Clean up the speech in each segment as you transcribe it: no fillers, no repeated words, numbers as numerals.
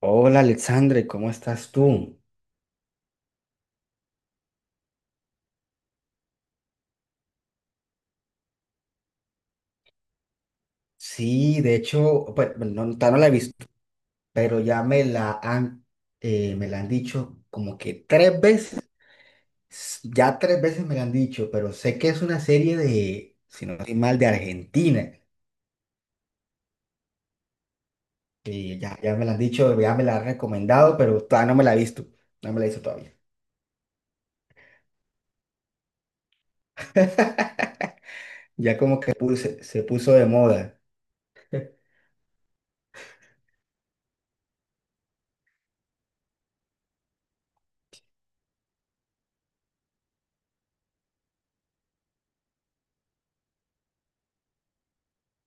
Hola Alexandre, ¿cómo estás tú? Sí, de hecho, pues no, todavía no la he visto, pero ya me la han dicho como que tres veces. Ya tres veces me la han dicho, pero sé que es una serie de, si no estoy mal, de Argentina. Y ya, ya me la han dicho, ya me la han recomendado, pero todavía no me la he visto, no me la he visto todavía. Ya como se puso de moda.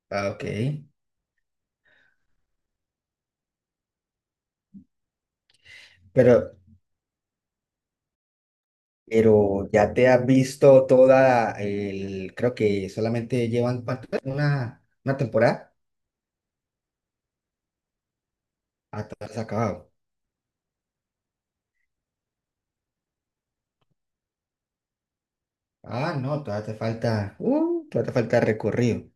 Ah, ok. Pero, Pero ya te has visto toda el, creo que solamente llevan ¿cuánto es? Una temporada. Ah, te ha acabado. Ah, no, todavía te falta recorrido.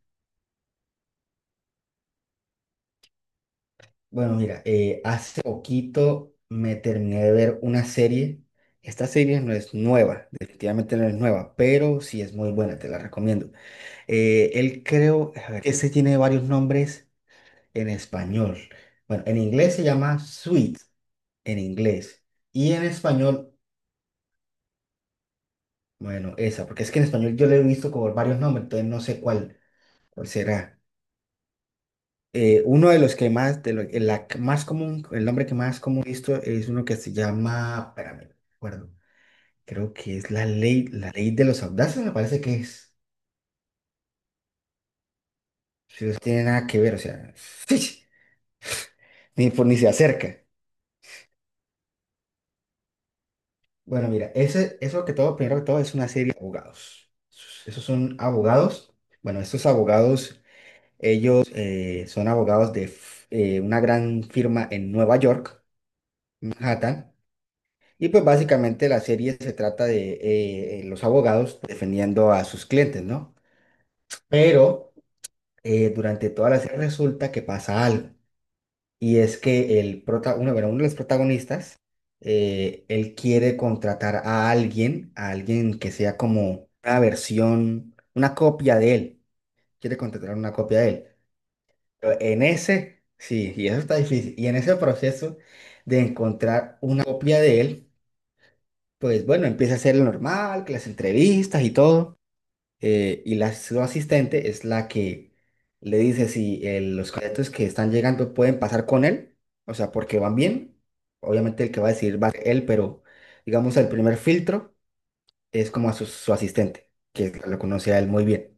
Bueno, mira, hace poquito me terminé de ver una serie. Esta serie no es nueva, definitivamente no es nueva, pero sí es muy buena, te la recomiendo. Él creo, a ver, ese tiene varios nombres en español. Bueno, en inglés se llama Sweet, en inglés. Y en español, bueno, esa, porque es que en español yo le he visto con varios nombres, entonces no sé cuál, cuál será. Uno de los que más, el, la que más común, el nombre que más común he visto es uno que se llama, espérame, no recuerdo, creo que es la ley de los audaces, me parece que es. Si no tiene nada que ver, o sea, ni, ni se acerca. Bueno, mira, ese, eso que todo, primero que todo, es una serie de abogados. Esos son abogados. Bueno, estos abogados, ellos son abogados de una gran firma en Nueva York, Manhattan. Y pues básicamente la serie se trata de los abogados defendiendo a sus clientes, ¿no? Pero durante toda la serie resulta que pasa algo. Y es que el prota uno, bueno, uno de los protagonistas, él quiere contratar a alguien que sea como una versión, una copia de él. Quiere contratar una copia de él. Pero en ese, sí, y eso está difícil. Y en ese proceso de encontrar una copia de él, pues bueno, empieza a hacer lo normal, que las entrevistas y todo y la su asistente es la que le dice si los cadetes que están llegando pueden pasar con él, o sea, porque van bien. Obviamente el que va a decidir va a ser él, pero digamos el primer filtro es como a su, su asistente, que lo conoce a él muy bien.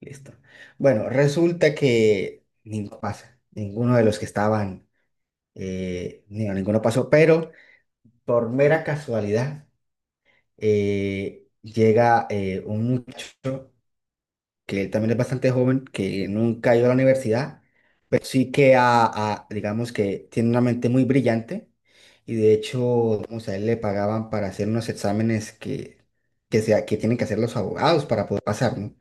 Listo. Bueno, resulta que ninguno pasa, ninguno de los que estaban, no, ninguno pasó, pero por mera casualidad llega un muchacho que él también es bastante joven, que nunca ha ido a la universidad, pero sí que digamos que tiene una mente muy brillante y de hecho, digamos, a él le pagaban para hacer unos exámenes que, sea, que tienen que hacer los abogados para poder pasar, ¿no?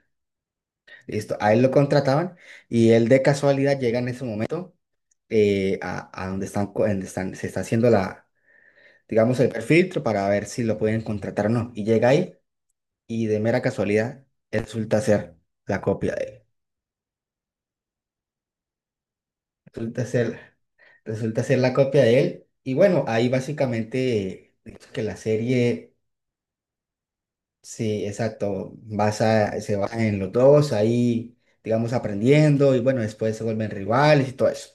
Listo, a él lo contrataban y él de casualidad llega en ese momento a donde están, donde están, se está haciendo la, digamos, el perfil para ver si lo pueden contratar o no. Y llega ahí y de mera casualidad resulta ser la copia de él. Resulta ser, resulta ser la copia de él. Y bueno, ahí básicamente es que la serie, sí, exacto, basa, se basa en los dos, ahí, digamos, aprendiendo y bueno, después se vuelven rivales y todo eso.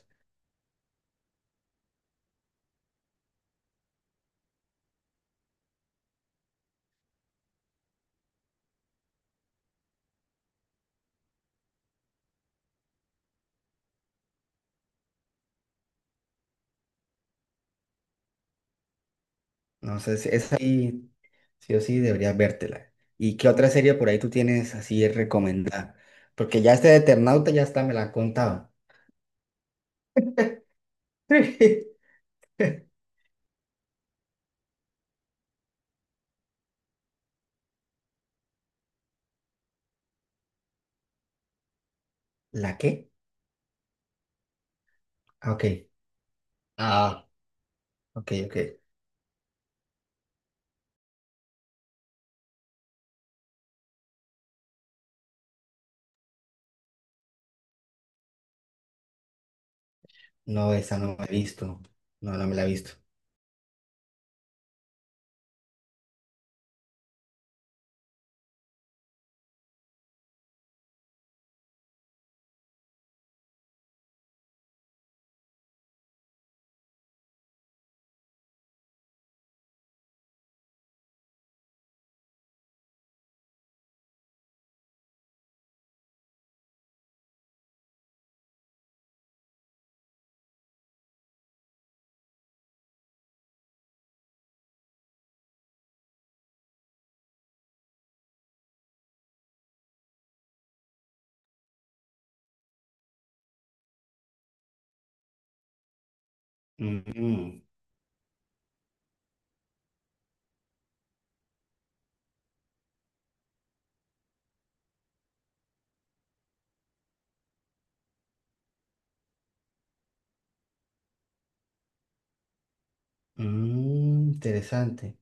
No sé si es ahí, sí o sí, deberías vértela. ¿Y qué otra serie por ahí tú tienes así recomendada? Porque ya este de Eternauta ya está, me la han contado. ¿La qué? Ah, ok. Ah, ok, ok. No, esa no me la he visto. No, no me la he visto. Mm, mm, interesante.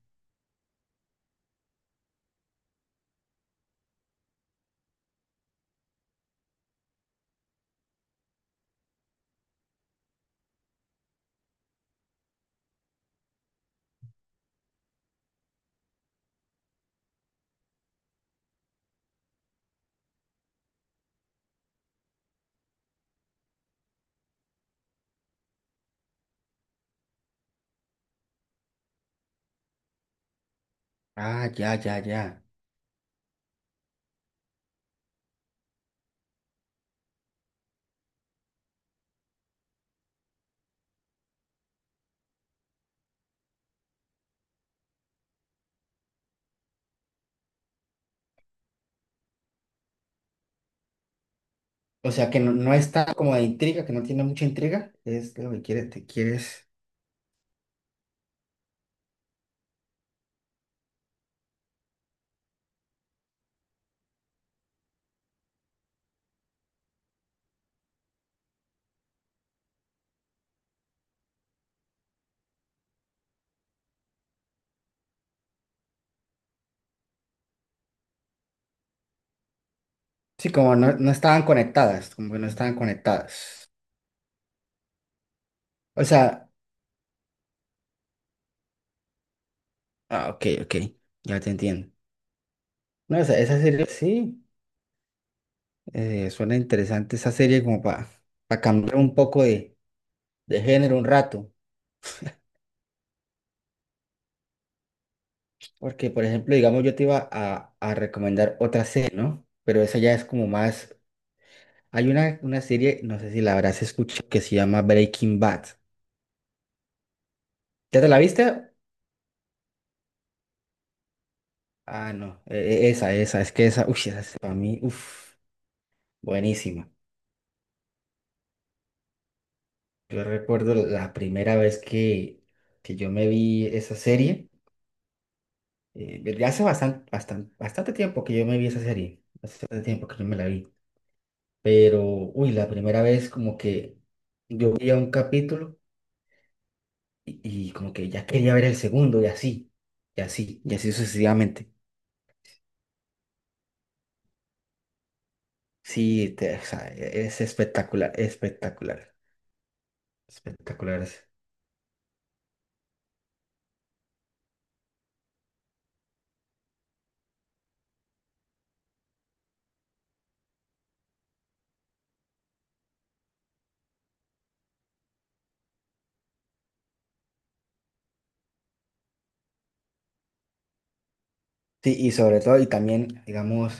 Ah, ya, ya, ya. O sea que no, no está como de intriga, que no tiene mucha intriga. Es lo que quieres, te quieres. Sí, como no, no estaban conectadas, como que no estaban conectadas. O sea, ah, ok, ok, ya te entiendo. No, o sea, esa serie sí, suena interesante esa serie como para cambiar un poco de género un rato. Porque, por ejemplo, digamos, yo te iba a recomendar otra serie, ¿no? Pero esa ya es como más. Hay una serie, no sé si la habrás escuchado, que se llama Breaking Bad. ¿Ya te la viste? Ah, no, esa, esa, es que esa, uy, esa es para mí, uff, buenísima. Yo recuerdo la primera vez que yo me vi esa serie, ya hace bastante, bastante, bastante tiempo que yo me vi esa serie, hace bastante tiempo que yo me la vi, pero, uy, la primera vez como que yo veía un capítulo y, y como que ya quería ver el segundo y así, y así, y así sucesivamente. Sí, o sea, es espectacular, espectacular, espectacular. Es- Sí, y sobre todo, y también, digamos,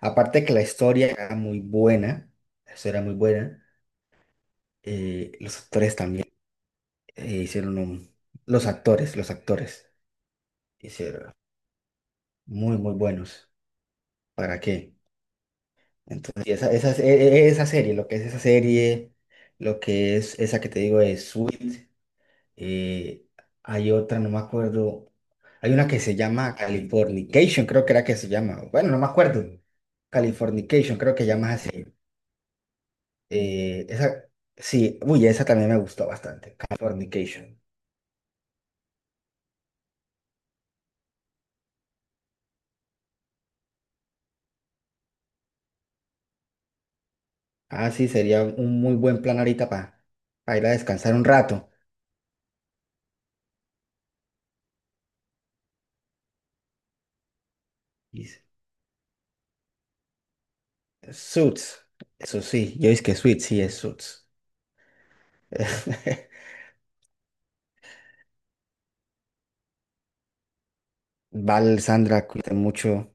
aparte que la historia era muy buena, la historia era muy buena, los actores también hicieron un... los actores hicieron muy, muy buenos. ¿Para qué? Entonces, y esa, esa serie, lo que es esa serie, lo que es esa que te digo es Sweet. eh, Hay otra, no me acuerdo. Hay una que se llama Californication, creo que era que se llama. Bueno, no me acuerdo. Californication, creo que llamas así. Esa, sí, uy, esa también me gustó bastante. Californication. Ah, sí, sería un muy buen plan ahorita para ir a descansar un rato. Y Suits, eso sí, yo es que Suits, sí es Suits. Val, Sandra, cuídate mucho.